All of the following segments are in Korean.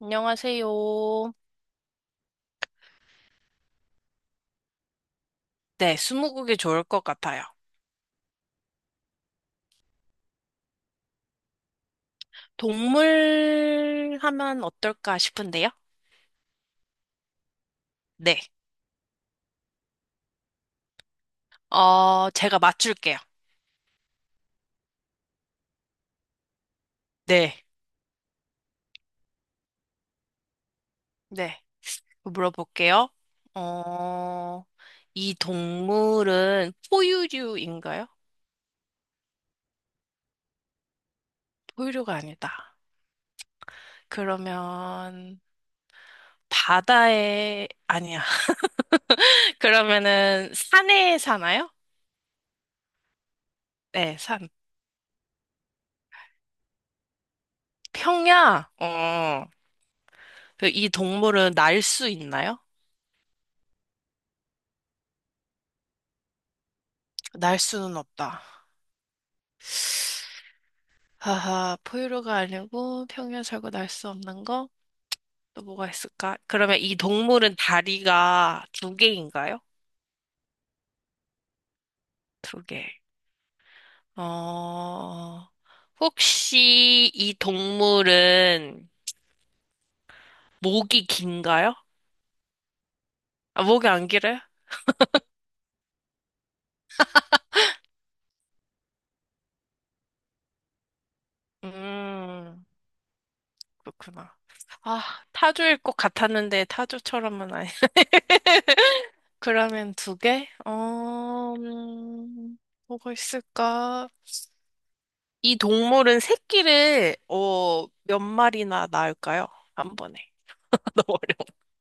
안녕하세요. 네, 스무고개 좋을 것 같아요. 동물 하면 어떨까 싶은데요? 네. 제가 맞출게요. 네. 네. 물어볼게요. 어, 이 동물은 포유류인가요? 포유류가 아니다. 그러면 바다에, 아니야. 그러면은 산에 사나요? 네, 산. 평야? 어, 그이 동물은 날 수 있나요? 날 수는 없다. 하하, 포유류가 아니고 평년 살고 날 수 없는 거? 또 뭐가 있을까? 그러면 이 동물은 다리가 두 개인가요? 두 개. 어, 혹시 이 동물은 목이 긴가요? 아, 목이 안 길어요? 음, 그렇구나. 아, 타조일 것 같았는데 타조처럼은 아니. 그러면 두 개? 어, 뭐가 있을까? 이 동물은 새끼를 몇 마리나 낳을까요? 한 번에.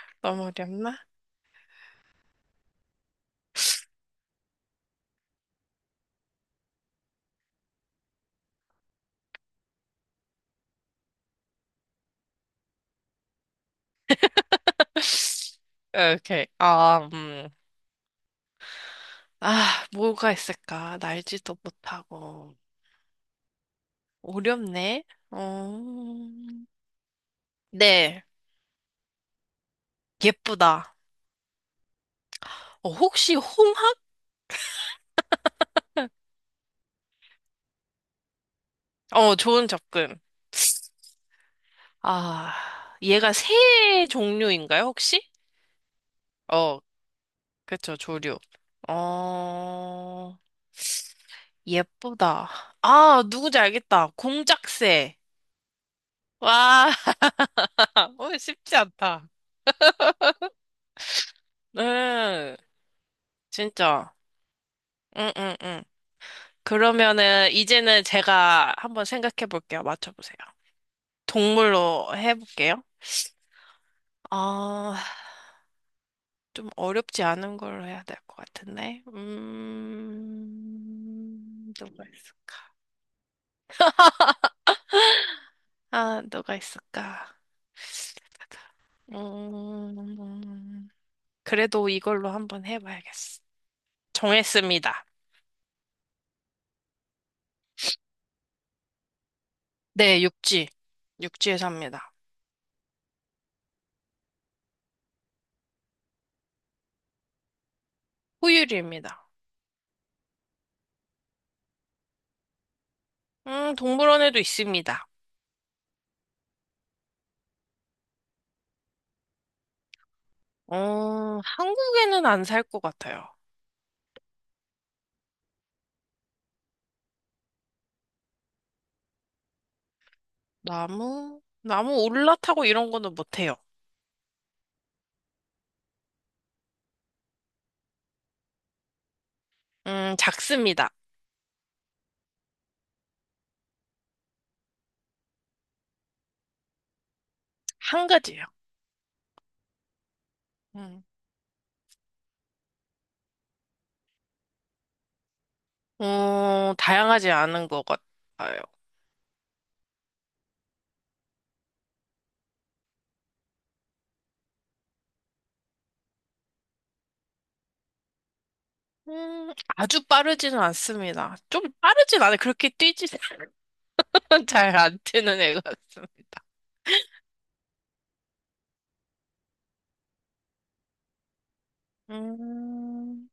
너무 어려워. 너무 어렵나? 오케이. 아, 아, 뭐가 있을까? 날지도 못하고. 어렵네. 어... 네. 예쁘다. 어, 혹시 홍학? 어, 좋은 접근. 아, 얘가 새 종류인가요, 혹시? 어, 그쵸, 조류. 어, 예쁘다. 아, 누군지 알겠다. 공작새. 와, 어, 쉽지 않다. 응, 진짜. 응, 응, 응. 그러면은, 이제는 제가 한번 생각해 볼게요. 맞춰보세요. 동물로 해볼게요. 아, 좀 어렵지 않은 걸로 해야 될 것 같은데. 누가 있을까? 아, 누가 있을까? 음, 그래도 이걸로 한번 해봐야겠어. 정했습니다. 네, 육지. 육지에 삽니다. 포유류입니다. 동물원에도 있습니다. 어, 한국에는 안 살 것 같아요. 나무 올라타고 이런 거는 못해요. 작습니다. 한 가지요. 음, 어, 다양하지 않은 것 같아요. 아주 빠르지는 않습니다. 좀 빠르진 않아요. 그렇게 뛰지는 잘안 뛰는 애 같습니다. 음,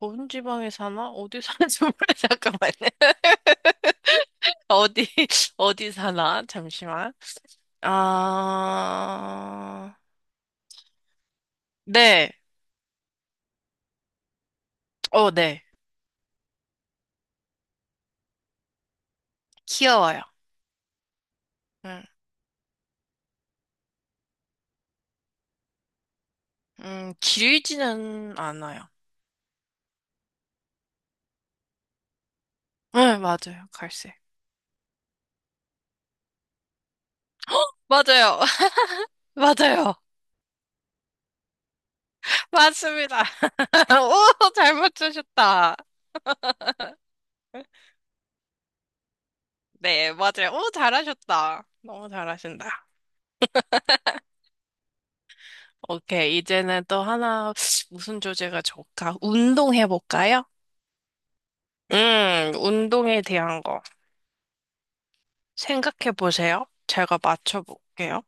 더운 지방에 사나? 어디 사는지 몰라. 잠깐만요. 어디, 어디 사나? 잠시만. 아, 네. 어, 네. 귀여워요. 음, 길지는 않아요. 네, 맞아요. 갈색. 맞아요. 맞아요. 맞습니다. 오, 잘 맞추셨다. 네, 맞아요. 오, 잘하셨다. 너무 잘하신다. 오케이. 이제는 또 하나, 무슨 주제가 좋을까? 운동해볼까요? 운동에 대한 거. 생각해 보세요. 제가 맞춰볼게요.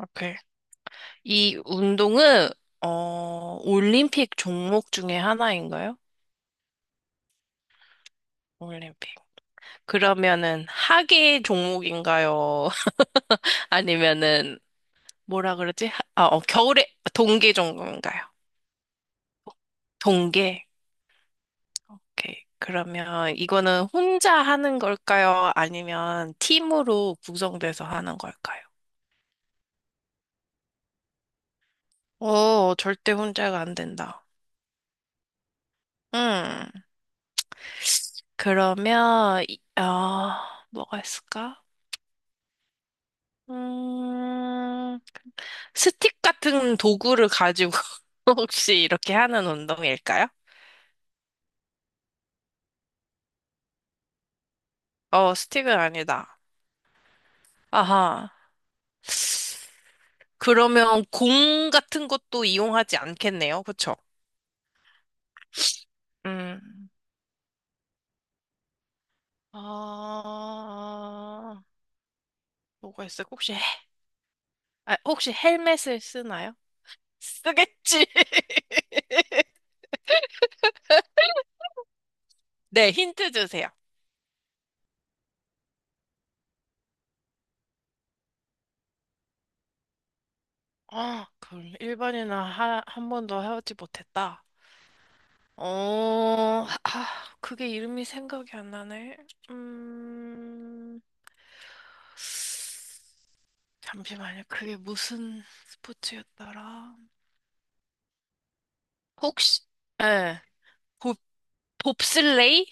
오케이. 이 운동은, 올림픽 종목 중에 하나인가요? 올림픽. 그러면은, 하계 종목인가요? 아니면은, 뭐라 그러지? 겨울에, 동계 종목인가요? 동계. 오케이. 그러면 이거는 혼자 하는 걸까요? 아니면 팀으로 구성돼서 하는 걸까요? 어, 절대 혼자가 안 된다. 음. 그러면, 이- 어, 뭐가 있을까? 음, 스틱 같은 도구를 가지고 혹시 이렇게 하는 운동일까요? 어, 스틱은 아니다. 아하. 그러면 공 같은 것도 이용하지 않겠네요. 그쵸? 음, 아, 뭐가 있어요? 아, 혹시 헬멧을 쓰나요? 쓰겠지. 네, 힌트 주세요. 아, 그럼 1번이나 한 번도 하지 못했다. 어, 아, 그게 이름이 생각이 안 나네. 음, 잠시만요. 그게 무슨 스포츠였더라? 혹시, 예, 봅, 봅슬레이?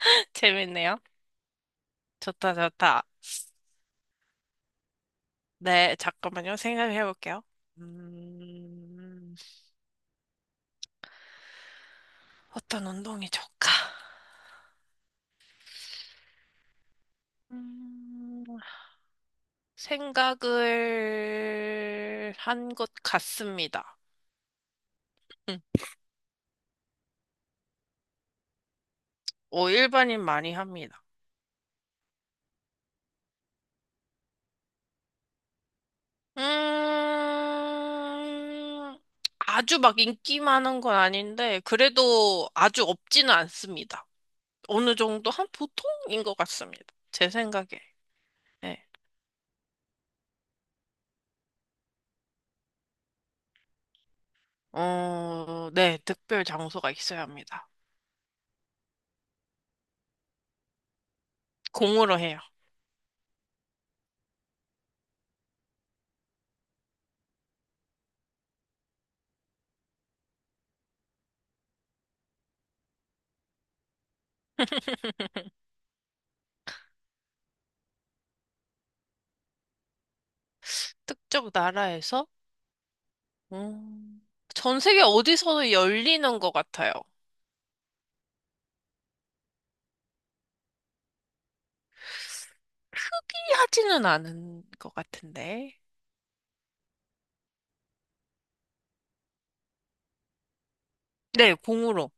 재밌네요. 좋다, 좋다. 네, 잠깐만요. 생각해 볼게요. 음, 어떤 운동이 좋을까? 음, 생각을 한 것 같습니다. 응. 오, 일반인 많이 합니다. 음, 아주 막 인기 많은 건 아닌데, 그래도 아주 없지는 않습니다. 어느 정도 한 보통인 것 같습니다. 제 생각에. 네. 어, 네, 특별 장소가 있어야 합니다. 공으로 해요. 특정 나라에서, 음, 전 세계 어디서도 열리는 것 같아요. 특이하지는 않은 것 같은데. 네, 공으로.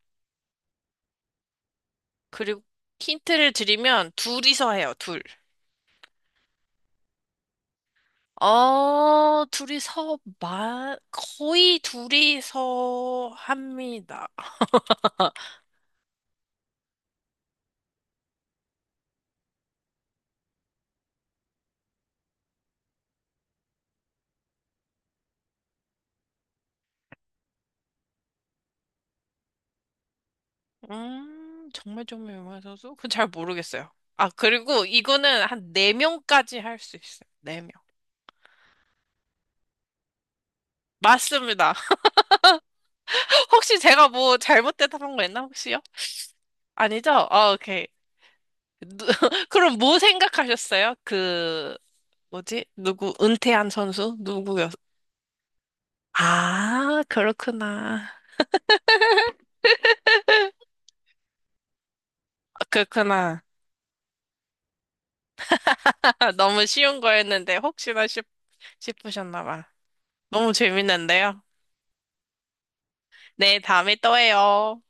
그리고 힌트를 드리면, 둘이서 해요, 둘. 거의 둘이서 합니다. 정말 좀 유명해서도? 그건 잘 모르겠어요. 아, 그리고 이거는 한 네명까지 할 수 있어요. 네명 맞습니다. 혹시 제가 뭐 잘못 대답한 거 있나, 혹시요? 아니죠? 아, 오케이. 누- 그럼 뭐 생각하셨어요? 그, 뭐지? 누구, 은퇴한 선수? 누구였, 아, 그렇구나. 아, 그렇구나. 너무 쉬운 거였는데, 혹시나 싶으셨나 봐. 너무 재밌는데요. 네, 다음에 또 해요.